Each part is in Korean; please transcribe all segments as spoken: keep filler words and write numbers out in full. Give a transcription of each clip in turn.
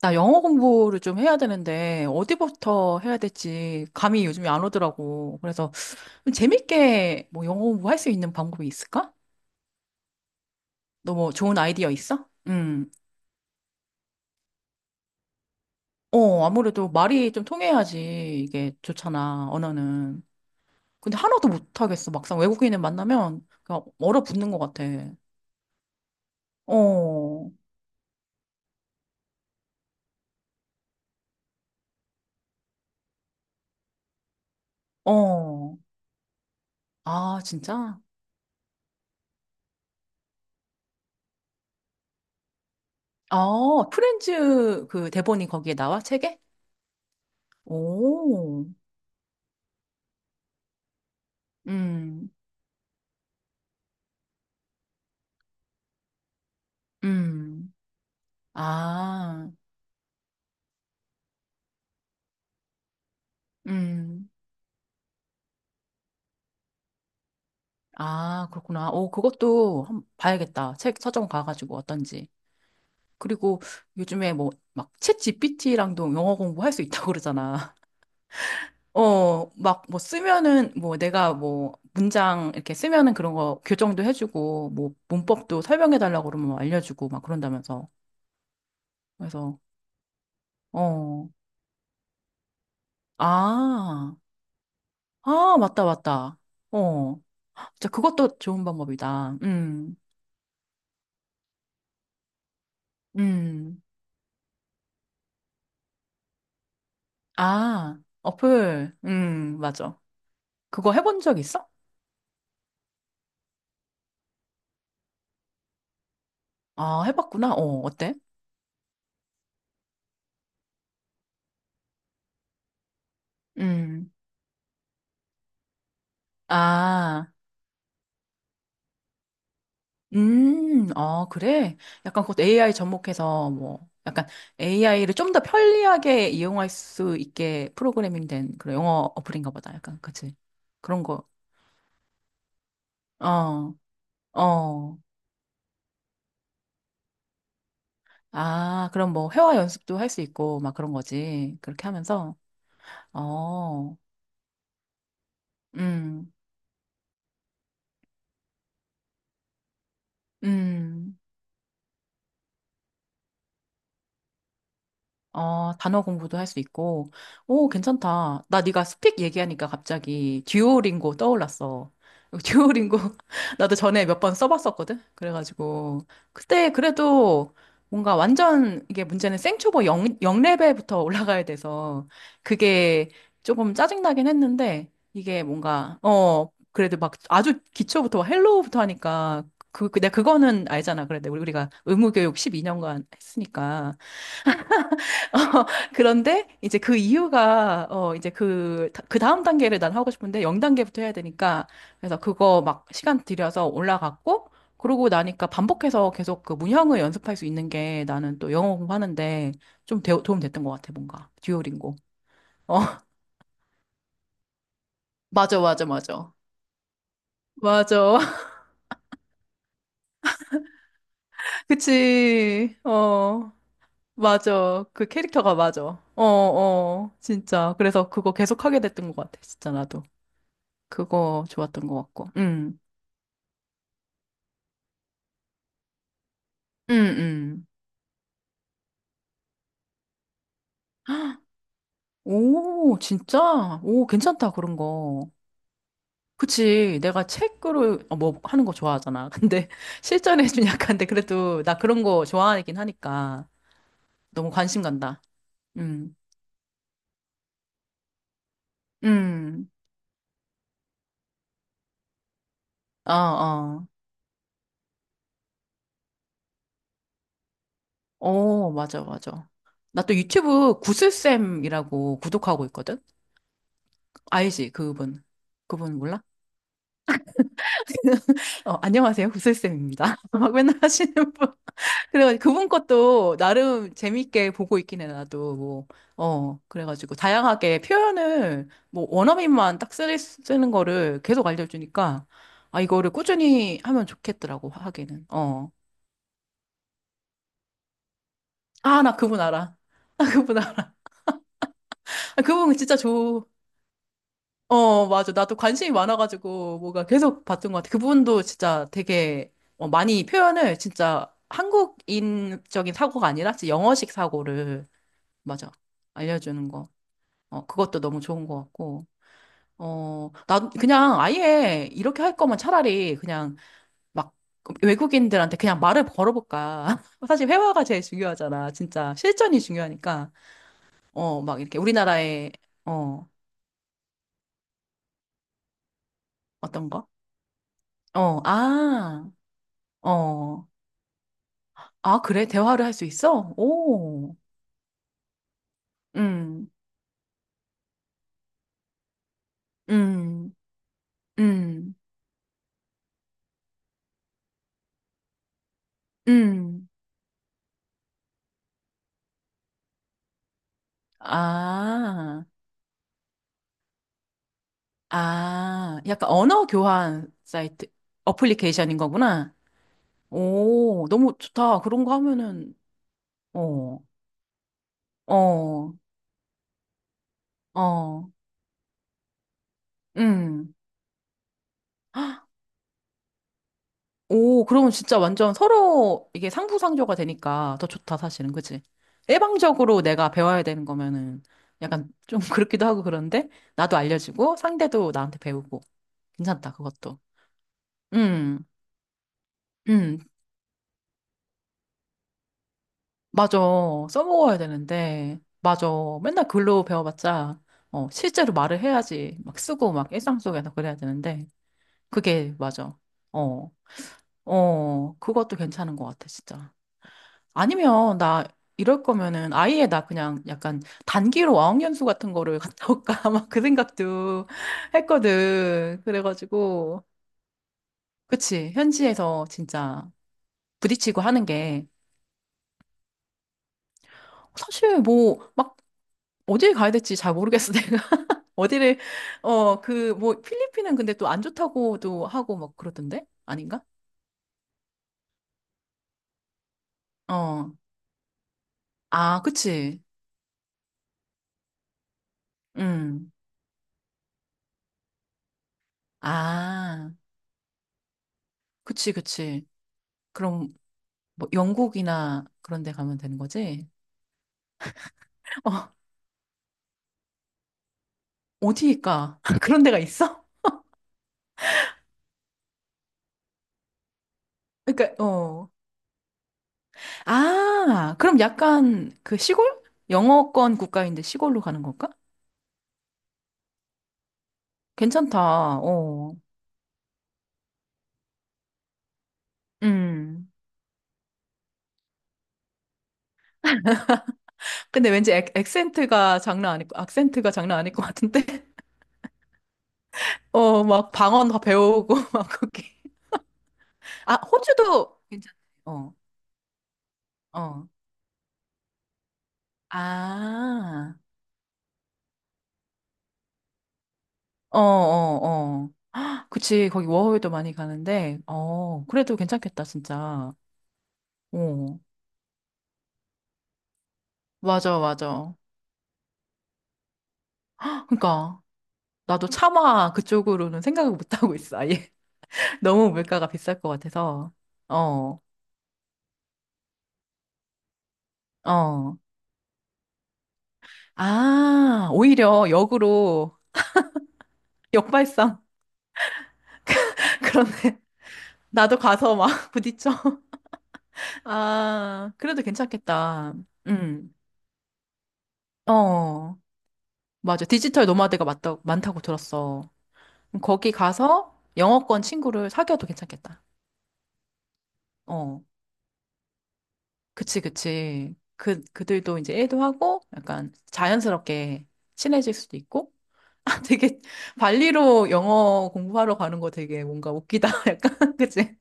나 영어 공부를 좀 해야 되는데, 어디부터 해야 될지 감이 요즘에 안 오더라고. 그래서 좀 재밌게 뭐 영어 공부할 수 있는 방법이 있을까? 너 뭐 좋은 아이디어 있어? 음. 어, 아무래도 말이 좀 통해야지 이게 좋잖아, 언어는. 근데 하나도 못하겠어. 막상 외국인을 만나면 그냥 얼어붙는 것 같아. 어, 어. 아, 진짜? 아, 프렌즈 그 대본이 거기에 나와, 책에? 오, 음, 음. 아, 음, 아, 그렇구나. 오, 그것도 한번 봐야겠다. 책 서점 가가지고 어떤지. 그리고 요즘에 뭐, 막, 챗 지피티랑도 영어 공부할 수 있다고 그러잖아. 어, 막, 뭐, 쓰면은, 뭐, 내가 뭐, 문장 이렇게 쓰면은 그런 거 교정도 해주고, 뭐, 문법도 설명해달라고 그러면 뭐 알려주고, 막 그런다면서. 그래서, 어, 아, 아, 맞다, 맞다. 어, 진짜 그것도 좋은 방법이다. 음, 음. 아, 어플. 음, 맞아. 그거 해본 적 있어? 아, 해봤구나. 어, 어때? 음. 아, 음, 아, 그래? 약간 그것도 에이아이 접목해서 뭐, 약간 에이아이를 좀 더 편리하게 이용할 수 있게 프로그래밍 된 그런 영어 어플인가 보다. 약간, 그치? 그런 거. 어, 어. 아, 그럼 뭐, 회화 연습도 할 수 있고, 막 그런 거지. 그렇게 하면서. 어, 음, 음. 어, 단어 공부도 할 수 있고. 오, 괜찮다. 나 네가 스픽 얘기하니까 갑자기 듀오링고 떠올랐어. 듀오링고 나도 전에 몇 번 써봤었거든. 그래가지고 그때 그래도 뭔가 완전 이게 문제는 생초보 영영레벨부터 올라가야 돼서 그게 조금 짜증나긴 했는데 이게 뭔가 어 그래도 막 아주 기초부터 막 헬로우부터 하니까 그, 그- 내가 그거는 알잖아. 그래, 내가 우리- 우리가 의무교육 십이 년간 했으니까. 그런데 이제 그 이유가 어 이제 그 그 다음 단계를 난 하고 싶은데 영 단계부터 해야 되니까 그래서 그거 막 시간 들여서 올라갔고 그러고 나니까 반복해서 계속 그 문형을 연습할 수 있는 게 나는 또 영어 공부하는데 좀 대- 도움 됐던 것 같아 뭔가 듀오링고 어 맞아 맞아 맞아 맞아 그치 어 맞아 그 캐릭터가 맞아 어 어 진짜 그래서 그거 계속 하게 됐던 것 같아 진짜 나도 그거 좋았던 것 같고 음. 응, 응. 오, 진짜? 오, 괜찮다, 그런 거. 그치. 내가 책으로 어, 뭐 하는 거 좋아하잖아. 근데 실전에 좀 약한데, 그래도 나 그런 거 좋아하긴 하니까. 너무 관심 간다. 응, 응. 어, 어. 어, 맞아, 맞아. 나 또 유튜브 구슬쌤이라고 구독하고 있거든? 알지, 그분. 그분 몰라? 어, 안녕하세요. 구슬쌤입니다. 막 맨날 하시는 분. 그래가지고 그분 것도 나름 재밌게 보고 있긴 해, 나도. 뭐, 어, 그래가지고 다양하게 표현을 뭐 원어민만 딱 쓰, 쓰는 거를 계속 알려주니까 아, 이거를 꾸준히 하면 좋겠더라고, 하기는. 어. 아, 나 그분 알아. 나 그분 알아. 아, 그분 진짜 좋, 어, 맞아. 나도 관심이 많아가지고 뭐가 계속 봤던 것 같아. 그분도 진짜 되게 어, 많이 표현을 진짜 한국인적인 사고가 아니라 진짜 영어식 사고를 맞아. 알려주는 거. 어, 그것도 너무 좋은 것 같고. 어, 나 그냥 아예 이렇게 할 거면 차라리 그냥 막 외국인들한테 그냥 말을 걸어볼까. 사실 회화가 제일 중요하잖아. 진짜 실전이 중요하니까. 어, 막 이렇게 우리나라의 어, 어떤 거? 어, 아, 어, 아, 그래? 대화를 할 수 있어? 오, 음, 음, 음, 음, 아, 아, 약간 언어 교환 사이트, 어플리케이션인 거구나. 오, 너무 좋다. 그런 거 하면은, 어, 어, 어, 음. 오, 그러면 진짜 완전 서로 이게 상부상조가 되니까 더 좋다, 사실은. 그치? 일방적으로 내가 배워야 되는 거면은 약간 좀 그렇기도 하고 그런데 나도 알려주고 상대도 나한테 배우고. 괜찮다, 그것도. 음, 음. 맞아. 써먹어야 되는데. 맞아. 맨날 글로 배워봤자, 어, 실제로 말을 해야지. 막 쓰고 막 일상 속에서 그래야 되는데. 그게 맞아. 어, 어, 그것도 괜찮은 것 같아, 진짜. 아니면 나 이럴 거면은 아예 나 그냥 약간 단기로 어학연수 같은 거를 갔다 올까 막 그 생각도 했거든. 그래가지고 그치 현지에서 진짜 부딪히고 하는 게 사실 뭐 막 어디 가야 될지 잘 모르겠어 내가 어디를 어 그 뭐 필리핀은 근데 또 안 좋다고도 하고 막 그러던데 아닌가? 어, 아, 그치. 음. 아. 그치, 그치. 그럼 뭐 영국이나 그런 데 가면 되는 거지? 어, 어디일까? 그런 데가 있어? 그러니까 어. 아, 그럼 약간 그 시골? 영어권 국가인데 시골로 가는 걸까? 괜찮다. 어. 음. 근데 왠지 액, 액센트가 장난 아닐 거, 악센트가 장난 아닐 것 같은데? 어, 막 방언 다 배우고 막 거기. 아, 호주도 괜찮. 어. 어. 아. 어, 어, 어. 그치, 거기 워홀도 많이 가는데, 어, 그래도 괜찮겠다, 진짜. 어, 맞아, 맞아. 그러니까, 나도 차마 그쪽으로는 생각을 못 하고 있어, 아예. 너무 물가가 비쌀 것 같아서. 어, 어. 아, 오히려 역으로, 역발상. 그러네. 나도 가서 막 부딪혀. 아, 그래도 괜찮겠다. 음, 어, 맞아. 디지털 노마드가 맞다, 많다고 들었어. 거기 가서 영어권 친구를 사귀어도 괜찮겠다. 어, 그치, 그치. 그, 그들도 이제 일도 하고 약간 자연스럽게 친해질 수도 있고. 아, 되게 발리로 영어 공부하러 가는 거 되게 뭔가 웃기다. 약간, 그치?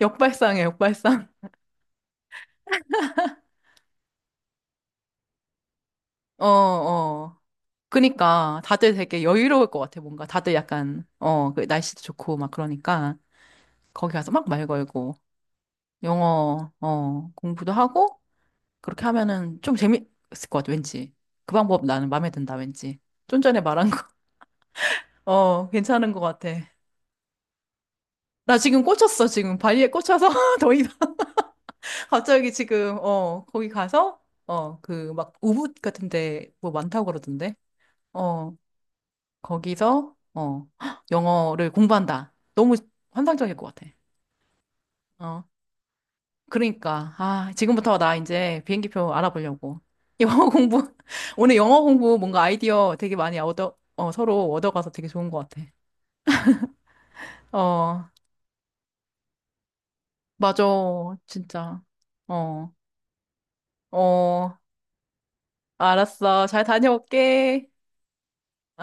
역발상이야, 역발상. 어, 어. 그니까 다들 되게 여유로울 것 같아. 뭔가 다들 약간, 어, 그 날씨도 좋고 막 그러니까 거기 가서 막 말 걸고 영어, 어, 공부도 하고 그렇게 하면은 좀 재밌을 것 같아, 왠지. 그 방법 나는 마음에 든다, 왠지. 좀 전에 말한 거. 어, 괜찮은 것 같아. 나 지금 꽂혔어, 지금. 발리에 꽂혀서 더 이상 갑자기 지금, 어, 거기 가서, 어, 그, 막, 우붓 같은 데 뭐 많다고 그러던데. 어, 거기서, 어, 영어를 공부한다. 너무 환상적일 것 같아. 어, 그러니까. 아, 지금부터 나 이제 비행기표 알아보려고. 영어 공부, 오늘 영어 공부 뭔가 아이디어 되게 많이 얻어, 어, 서로 얻어가서 되게 좋은 것 같아. 어, 맞아. 진짜. 어. 어, 알았어. 잘 다녀올게.